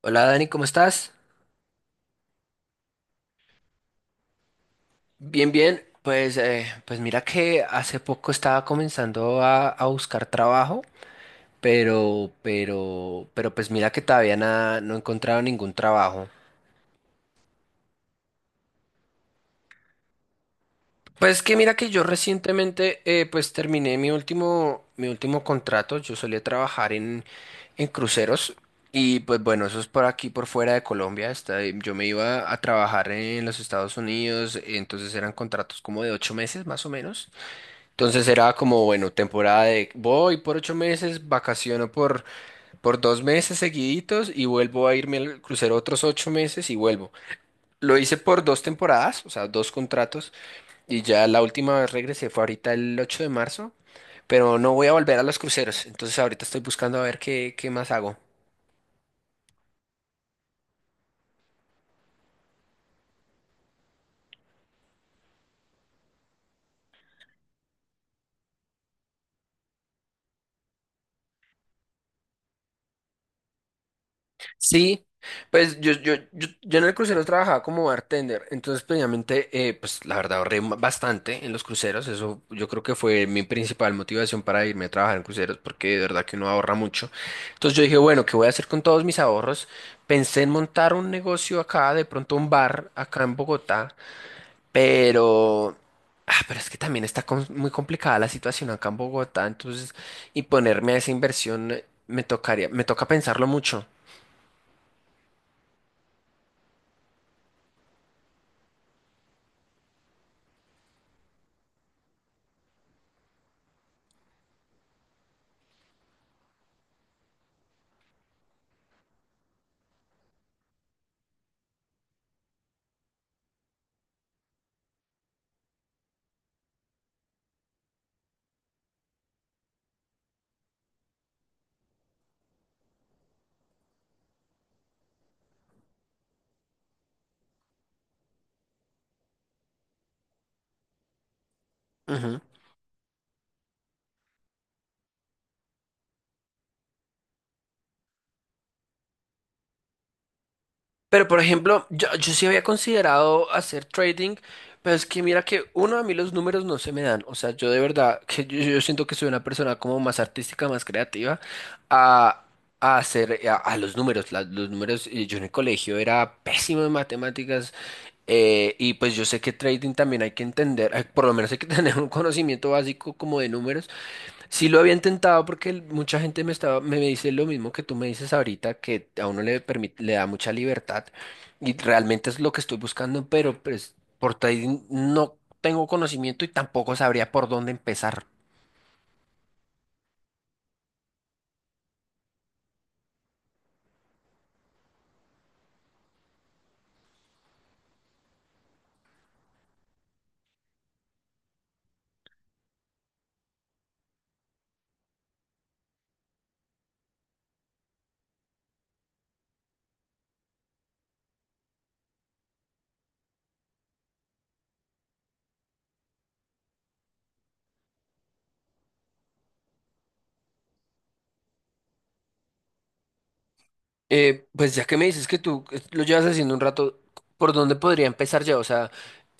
Hola Dani, ¿cómo estás? Bien, bien. Pues mira que hace poco estaba comenzando a buscar trabajo, pero pues mira que todavía nada, no he encontrado ningún trabajo. Pues que mira que yo recientemente pues terminé mi último contrato. Yo solía trabajar en cruceros y pues bueno, eso es por aquí, por fuera de Colombia. Yo me iba a trabajar en los Estados Unidos, entonces eran contratos como de 8 meses más o menos. Entonces era como, bueno, temporada de voy por 8 meses, vacaciono por 2 meses seguiditos y vuelvo a irme al crucero otros 8 meses y vuelvo. Lo hice por dos temporadas, o sea, dos contratos. Y ya la última vez regresé fue ahorita el 8 de marzo, pero no voy a volver a los cruceros. Entonces ahorita estoy buscando a ver qué más hago. Sí, pues yo en el crucero trabajaba como bartender, entonces precisamente, pues la verdad ahorré bastante en los cruceros, eso yo creo que fue mi principal motivación para irme a trabajar en cruceros, porque de verdad que uno ahorra mucho. Entonces yo dije, bueno, ¿qué voy a hacer con todos mis ahorros? Pensé en montar un negocio acá, de pronto un bar acá en Bogotá, pero... Ah, pero es que también está muy complicada la situación acá en Bogotá, entonces, y ponerme a esa inversión me toca pensarlo mucho. Ujú. Pero por ejemplo, yo sí había considerado hacer trading, pero es que mira que uno a mí los números no se me dan. O sea, yo de verdad que yo siento que soy una persona como más artística, más creativa a, a los números. Los números, yo en el colegio era pésimo en matemáticas y pues yo sé que trading también hay que entender, por lo menos hay que tener un conocimiento básico como de números. Sí lo había intentado porque mucha gente me dice lo mismo que tú me dices ahorita, que a uno le permite, le da mucha libertad y realmente es lo que estoy buscando, pero pues por trading no tengo conocimiento y tampoco sabría por dónde empezar. Pues ya que me dices que tú lo llevas haciendo un rato, ¿por dónde podría empezar ya? O sea,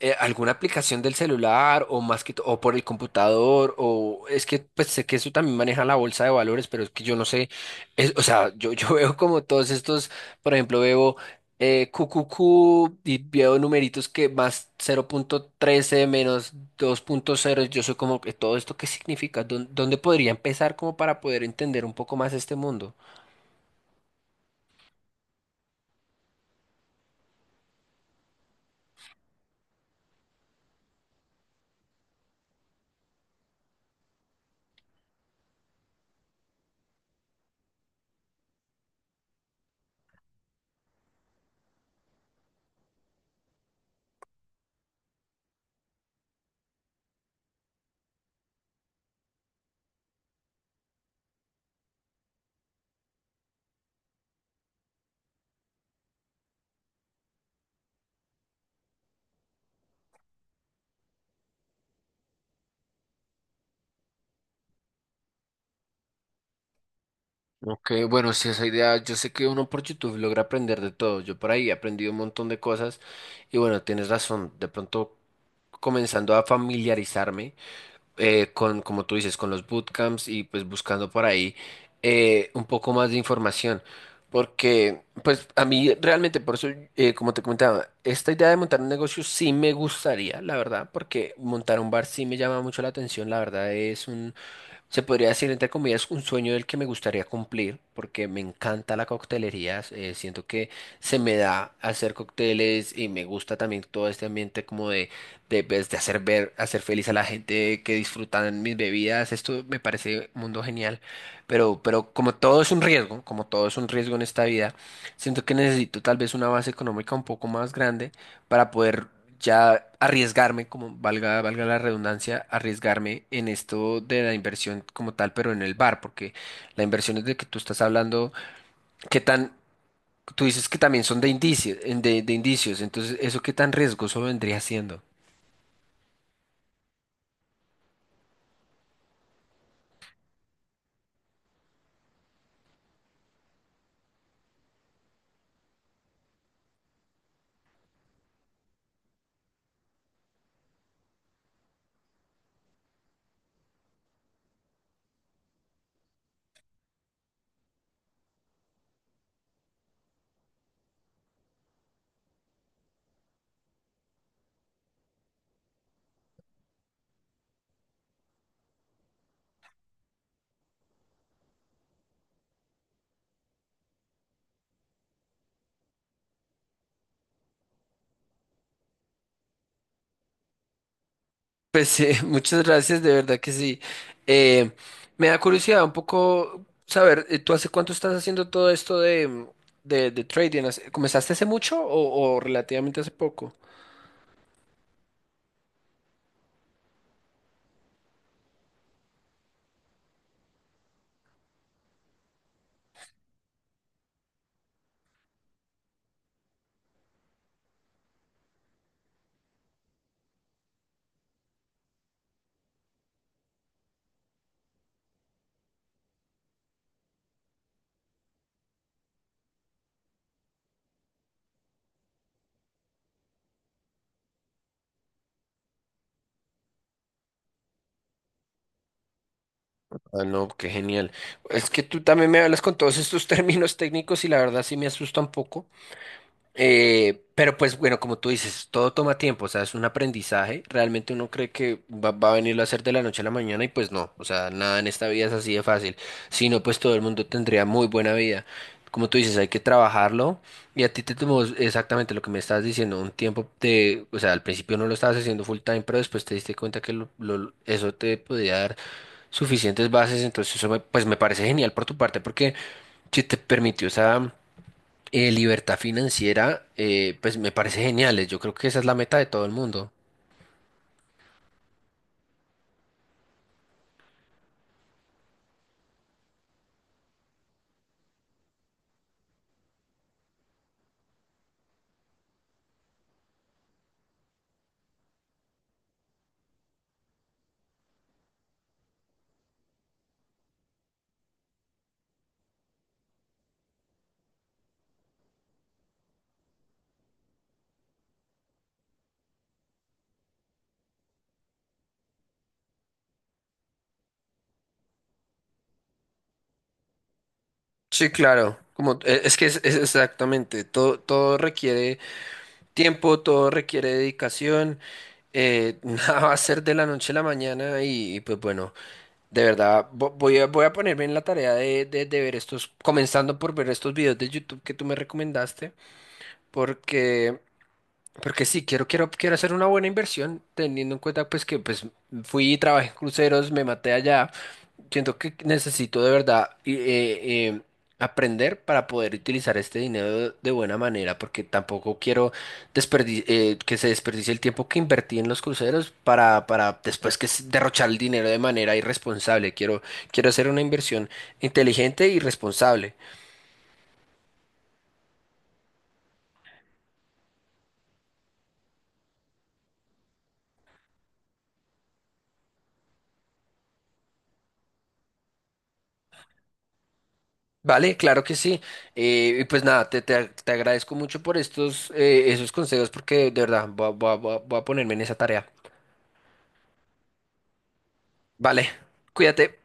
¿alguna aplicación del celular o más o por el computador? O es que pues sé que eso también maneja la bolsa de valores, pero es que yo no sé, o sea, yo veo como todos estos, por ejemplo, veo QQQ y veo numeritos que más 0,13 menos 2,0, yo soy como que todo esto, ¿qué significa? ¿Dónde podría empezar como para poder entender un poco más este mundo? Ok, bueno, sí, esa idea, yo sé que uno por YouTube logra aprender de todo, yo por ahí he aprendido un montón de cosas y bueno, tienes razón, de pronto comenzando a familiarizarme con, como tú dices, con los bootcamps y pues buscando por ahí un poco más de información, porque pues a mí realmente, por eso, como te comentaba, esta idea de montar un negocio sí me gustaría, la verdad, porque montar un bar sí me llama mucho la atención, la verdad es un, se podría decir, entre comillas, un sueño del que me gustaría cumplir, porque me encanta la coctelería. Siento que se me da hacer cócteles y me gusta también todo este ambiente como de, pues, de hacer ver, hacer feliz a la gente que disfrutan mis bebidas. Esto me parece un mundo genial, pero como todo es un riesgo, como todo es un riesgo en esta vida, siento que necesito tal vez una base económica un poco más grande para poder ya arriesgarme, como valga, valga la redundancia, arriesgarme en esto de la inversión como tal, pero en el bar, porque la inversión es de que tú estás hablando, qué tan, tú dices que también son de indicios, de indicios, entonces eso qué tan riesgoso vendría siendo. Pues muchas gracias, de verdad que sí. Eh, Me da curiosidad un poco saber, ¿tú hace cuánto estás haciendo todo esto de trading? ¿Comenzaste hace mucho o relativamente hace poco? Ah, no, qué genial. Es que tú también me hablas con todos estos términos técnicos y la verdad sí me asusta un poco. Pero pues bueno, como tú dices, todo toma tiempo, o sea, es un aprendizaje. Realmente uno cree que va a venirlo a hacer de la noche a la mañana y pues no, o sea, nada en esta vida es así de fácil. Si no, pues todo el mundo tendría muy buena vida. Como tú dices, hay que trabajarlo y a ti te tomó exactamente lo que me estabas diciendo, un tiempo de, o sea, al principio no lo estabas haciendo full time, pero después te diste cuenta que eso te podía dar suficientes bases, entonces pues me parece genial por tu parte porque si te permitió esa libertad financiera, pues me parece genial. Yo creo que esa es la meta de todo el mundo. Sí, claro. Como, es que es, exactamente, todo, todo requiere tiempo, todo requiere dedicación, nada va a ser de la noche a la mañana y pues bueno, de verdad voy a ponerme en la tarea de ver estos, comenzando por ver estos videos de YouTube que tú me recomendaste, porque, porque sí, quiero hacer una buena inversión, teniendo en cuenta pues que pues fui y trabajé en cruceros, me maté allá. Siento que necesito de verdad y, aprender para poder utilizar este dinero de buena manera, porque tampoco quiero que se desperdicie el tiempo que invertí en los cruceros para después derrochar el dinero de manera irresponsable. Quiero hacer una inversión inteligente y responsable. Vale, claro que sí. Y pues nada, te agradezco mucho por estos esos consejos, porque de verdad voy a ponerme en esa tarea. Vale, cuídate.